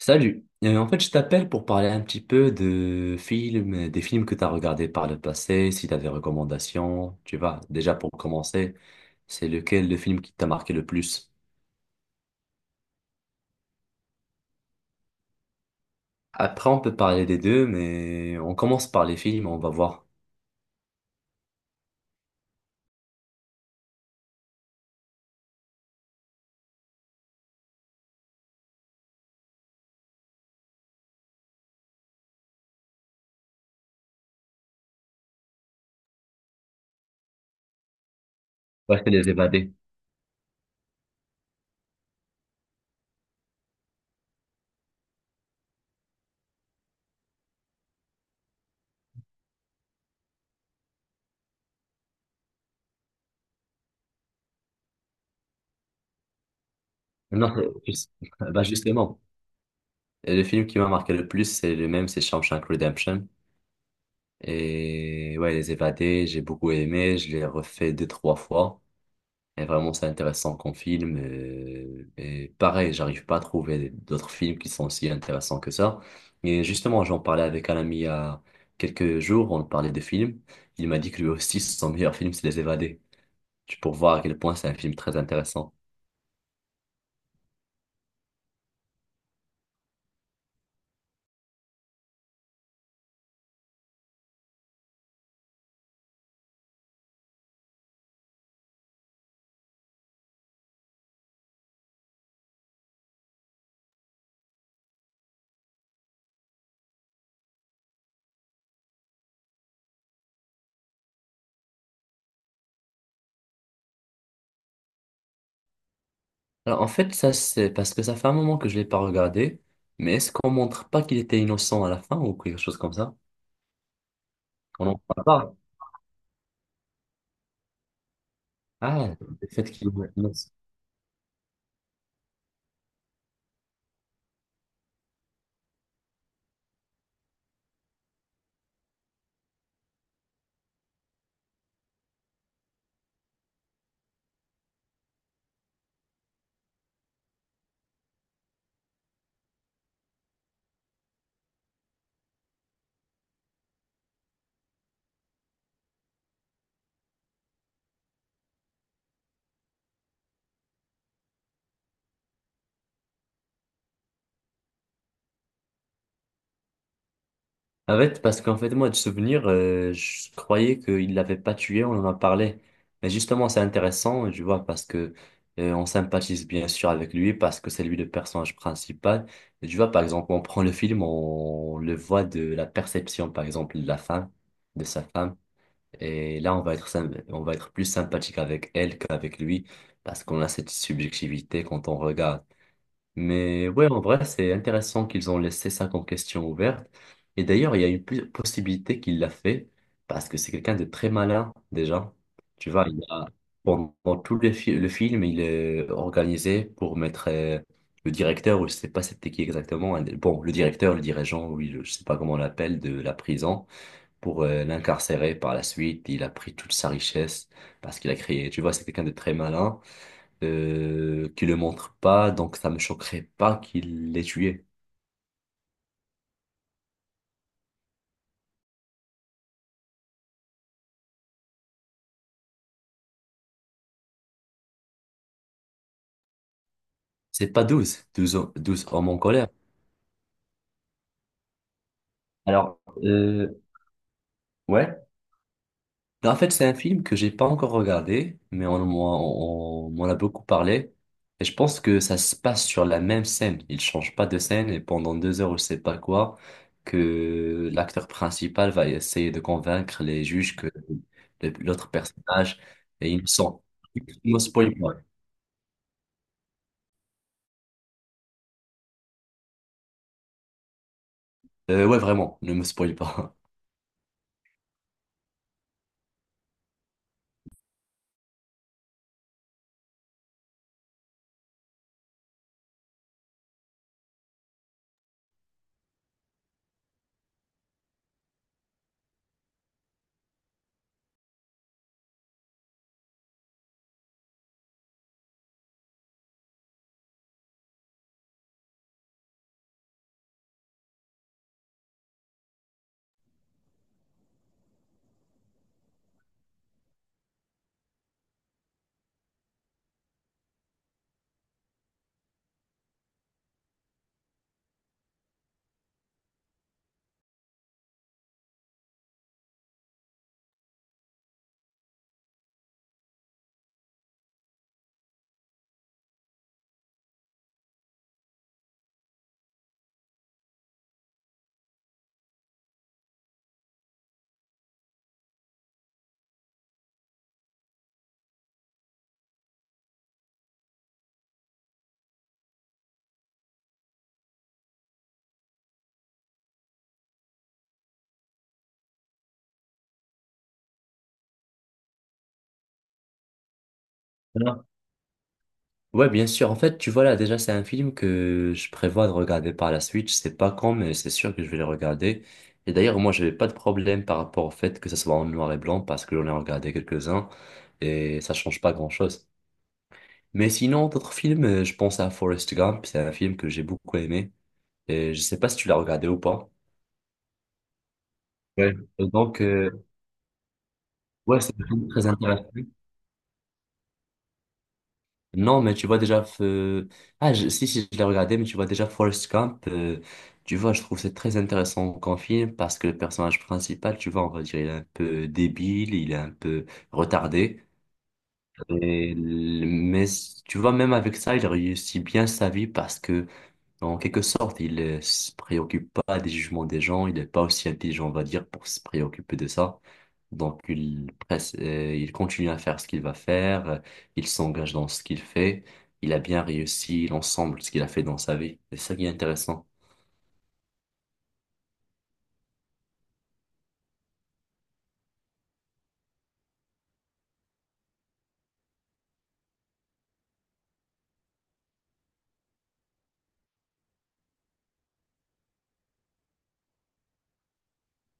Salut. En fait, je t'appelle pour parler un petit peu de films, des films que tu as regardés par le passé, si tu as des recommandations, tu vois. Déjà pour commencer, c'est lequel le film qui t'a marqué le plus? Après, on peut parler des deux, mais on commence par les films, on va voir. Ouais, c'est Les Évadés. Non, bah justement, le film qui m'a marqué le plus, c'est le même, c'est Shawshank Redemption. Et ouais, Les Évadés, j'ai beaucoup aimé, je l'ai refait deux, trois fois. Et vraiment, c'est intéressant comme film. Et, pareil, j'arrive pas à trouver d'autres films qui sont aussi intéressants que ça. Et justement, j'en parlais avec un ami il y a quelques jours, on parlait de films. Il m'a dit que lui aussi, son meilleur film, c'est Les Évadés. Tu peux voir à quel point c'est un film très intéressant. Alors, en fait, ça, c'est parce que ça fait un moment que je l'ai pas regardé. Mais est-ce qu'on montre pas qu'il était innocent à la fin ou quelque chose comme ça? On n'en parle pas. Ah, le fait qu'il est innocent. En fait, parce qu'en fait, moi, de souvenir, je croyais qu'il l'avait pas tué, on en a parlé. Mais justement, c'est intéressant, tu vois, parce que on sympathise bien sûr avec lui, parce que c'est lui le personnage principal. Et tu vois, par exemple, on prend le film, on le voit de la perception, par exemple, de la femme, de sa femme. Et là, on va être, on va être plus sympathique avec elle qu'avec lui, parce qu'on a cette subjectivité quand on regarde. Mais ouais, en vrai, c'est intéressant qu'ils ont laissé ça comme question ouverte. Et d'ailleurs, il y a une possibilité qu'il l'a fait parce que c'est quelqu'un de très malin déjà. Tu vois, il a, pendant tout le film, il est organisé pour mettre le directeur, ou je sais pas c'était qui exactement, bon, le directeur, le dirigeant, je sais pas comment on l'appelle, de la prison pour l'incarcérer par la suite. Il a pris toute sa richesse parce qu'il a créé. Tu vois, c'est quelqu'un de très malin qui le montre pas, donc ça me choquerait pas qu'il l'ait tué. C'est pas 12 hommes en colère. Alors, ouais. En fait, c'est un film que j'ai pas encore regardé, mais on m'en a beaucoup parlé. Et je pense que ça se passe sur la même scène. Il change pas de scène et pendant deux heures ou je sais pas quoi, que l'acteur principal va essayer de convaincre les juges que l'autre personnage est innocent. Ne me spoil pas. Ouais, vraiment, ne me spoil pas. Ouais, bien sûr. En fait, tu vois là, déjà, c'est un film que je prévois de regarder par la suite. Je sais pas quand, mais c'est sûr que je vais le regarder. Et d'ailleurs, moi, j'avais pas de problème par rapport au fait que ça soit en noir et blanc parce que j'en ai regardé quelques-uns et ça change pas grand-chose. Mais sinon, d'autres films, je pense à Forrest Gump. C'est un film que j'ai beaucoup aimé et je sais pas si tu l'as regardé ou pas. Ouais. Et donc, ouais, c'est un film très intéressant. Non, mais tu vois déjà. Ah, si, si, je l'ai regardé, mais tu vois déjà Forrest Gump. Tu vois, je trouve c'est très intéressant comme film parce que le personnage principal, tu vois, on va dire, il est un peu débile, il est un peu retardé. Et l- Tu vois, même avec ça, il réussit bien sa vie parce que en quelque sorte, il ne se préoccupe pas des jugements des gens, il n'est pas aussi intelligent, on va dire, pour se préoccuper de ça. Donc, il continue à faire ce qu'il va faire, il s'engage dans ce qu'il fait, il a bien réussi l'ensemble de ce qu'il a fait dans sa vie. C'est ça qui est intéressant.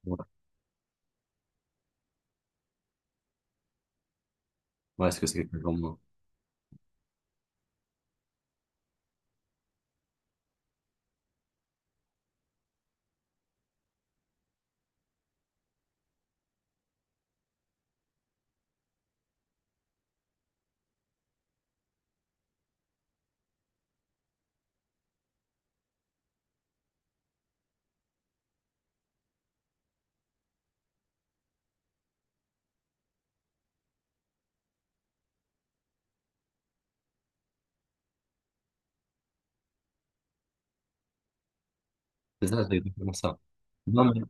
Ouais, ouais, est-ce que c'est quelque chose comme moi? C'est ça, c'est exactement ça. Non, mais,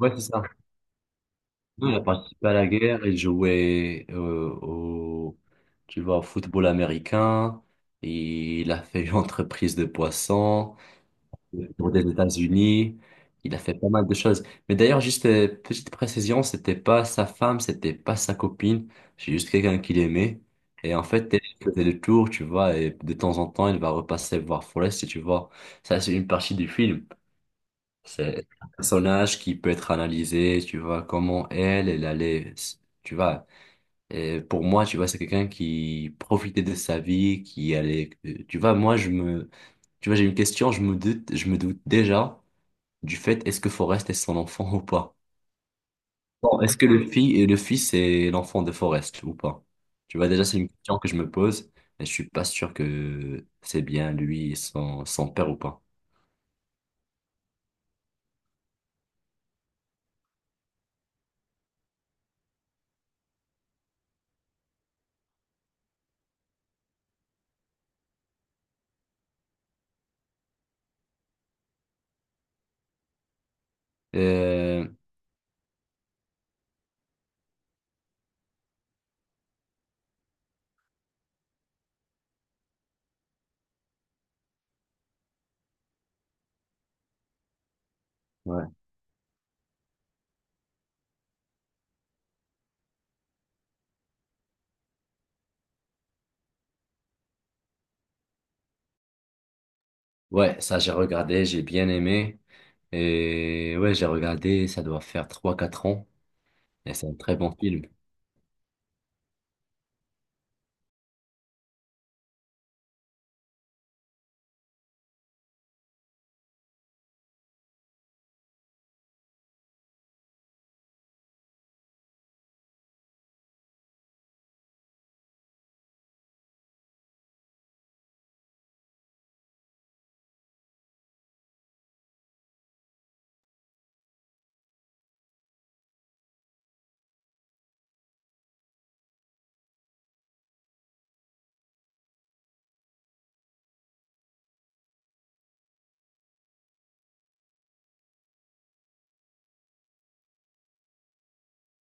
ouais, c'est ça. Non, il a participé à la guerre, il jouait au, tu vois, au football américain, il a fait une entreprise de poissons. Tour des États-Unis. Il a fait pas mal de choses. Mais d'ailleurs, juste petite précision, c'était pas sa femme, c'était pas sa copine. C'est juste quelqu'un qu'il aimait. Et en fait, elle faisait le tour, tu vois, et de temps en temps, il va repasser voir Forrest, et tu vois. Ça, c'est une partie du film. C'est un personnage qui peut être analysé, tu vois, comment elle, elle allait, tu vois. Et pour moi, tu vois, c'est quelqu'un qui profitait de sa vie, qui allait, tu vois, moi, tu vois, j'ai une question, je me doute déjà du fait est-ce que Forrest est son enfant ou pas? Bon, est-ce que le fils et le fils est l'enfant de Forrest ou pas? Tu vois, déjà, c'est une question que je me pose et je suis pas sûr que c'est bien lui et son, son père ou pas. Euh, ouais. Ouais, ça, j'ai regardé, j'ai bien aimé. Et ouais, j'ai regardé, ça doit faire trois quatre ans et c'est un très bon film.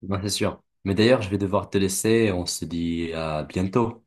Non, c'est sûr. Mais d'ailleurs, je vais devoir te laisser. On se dit à bientôt.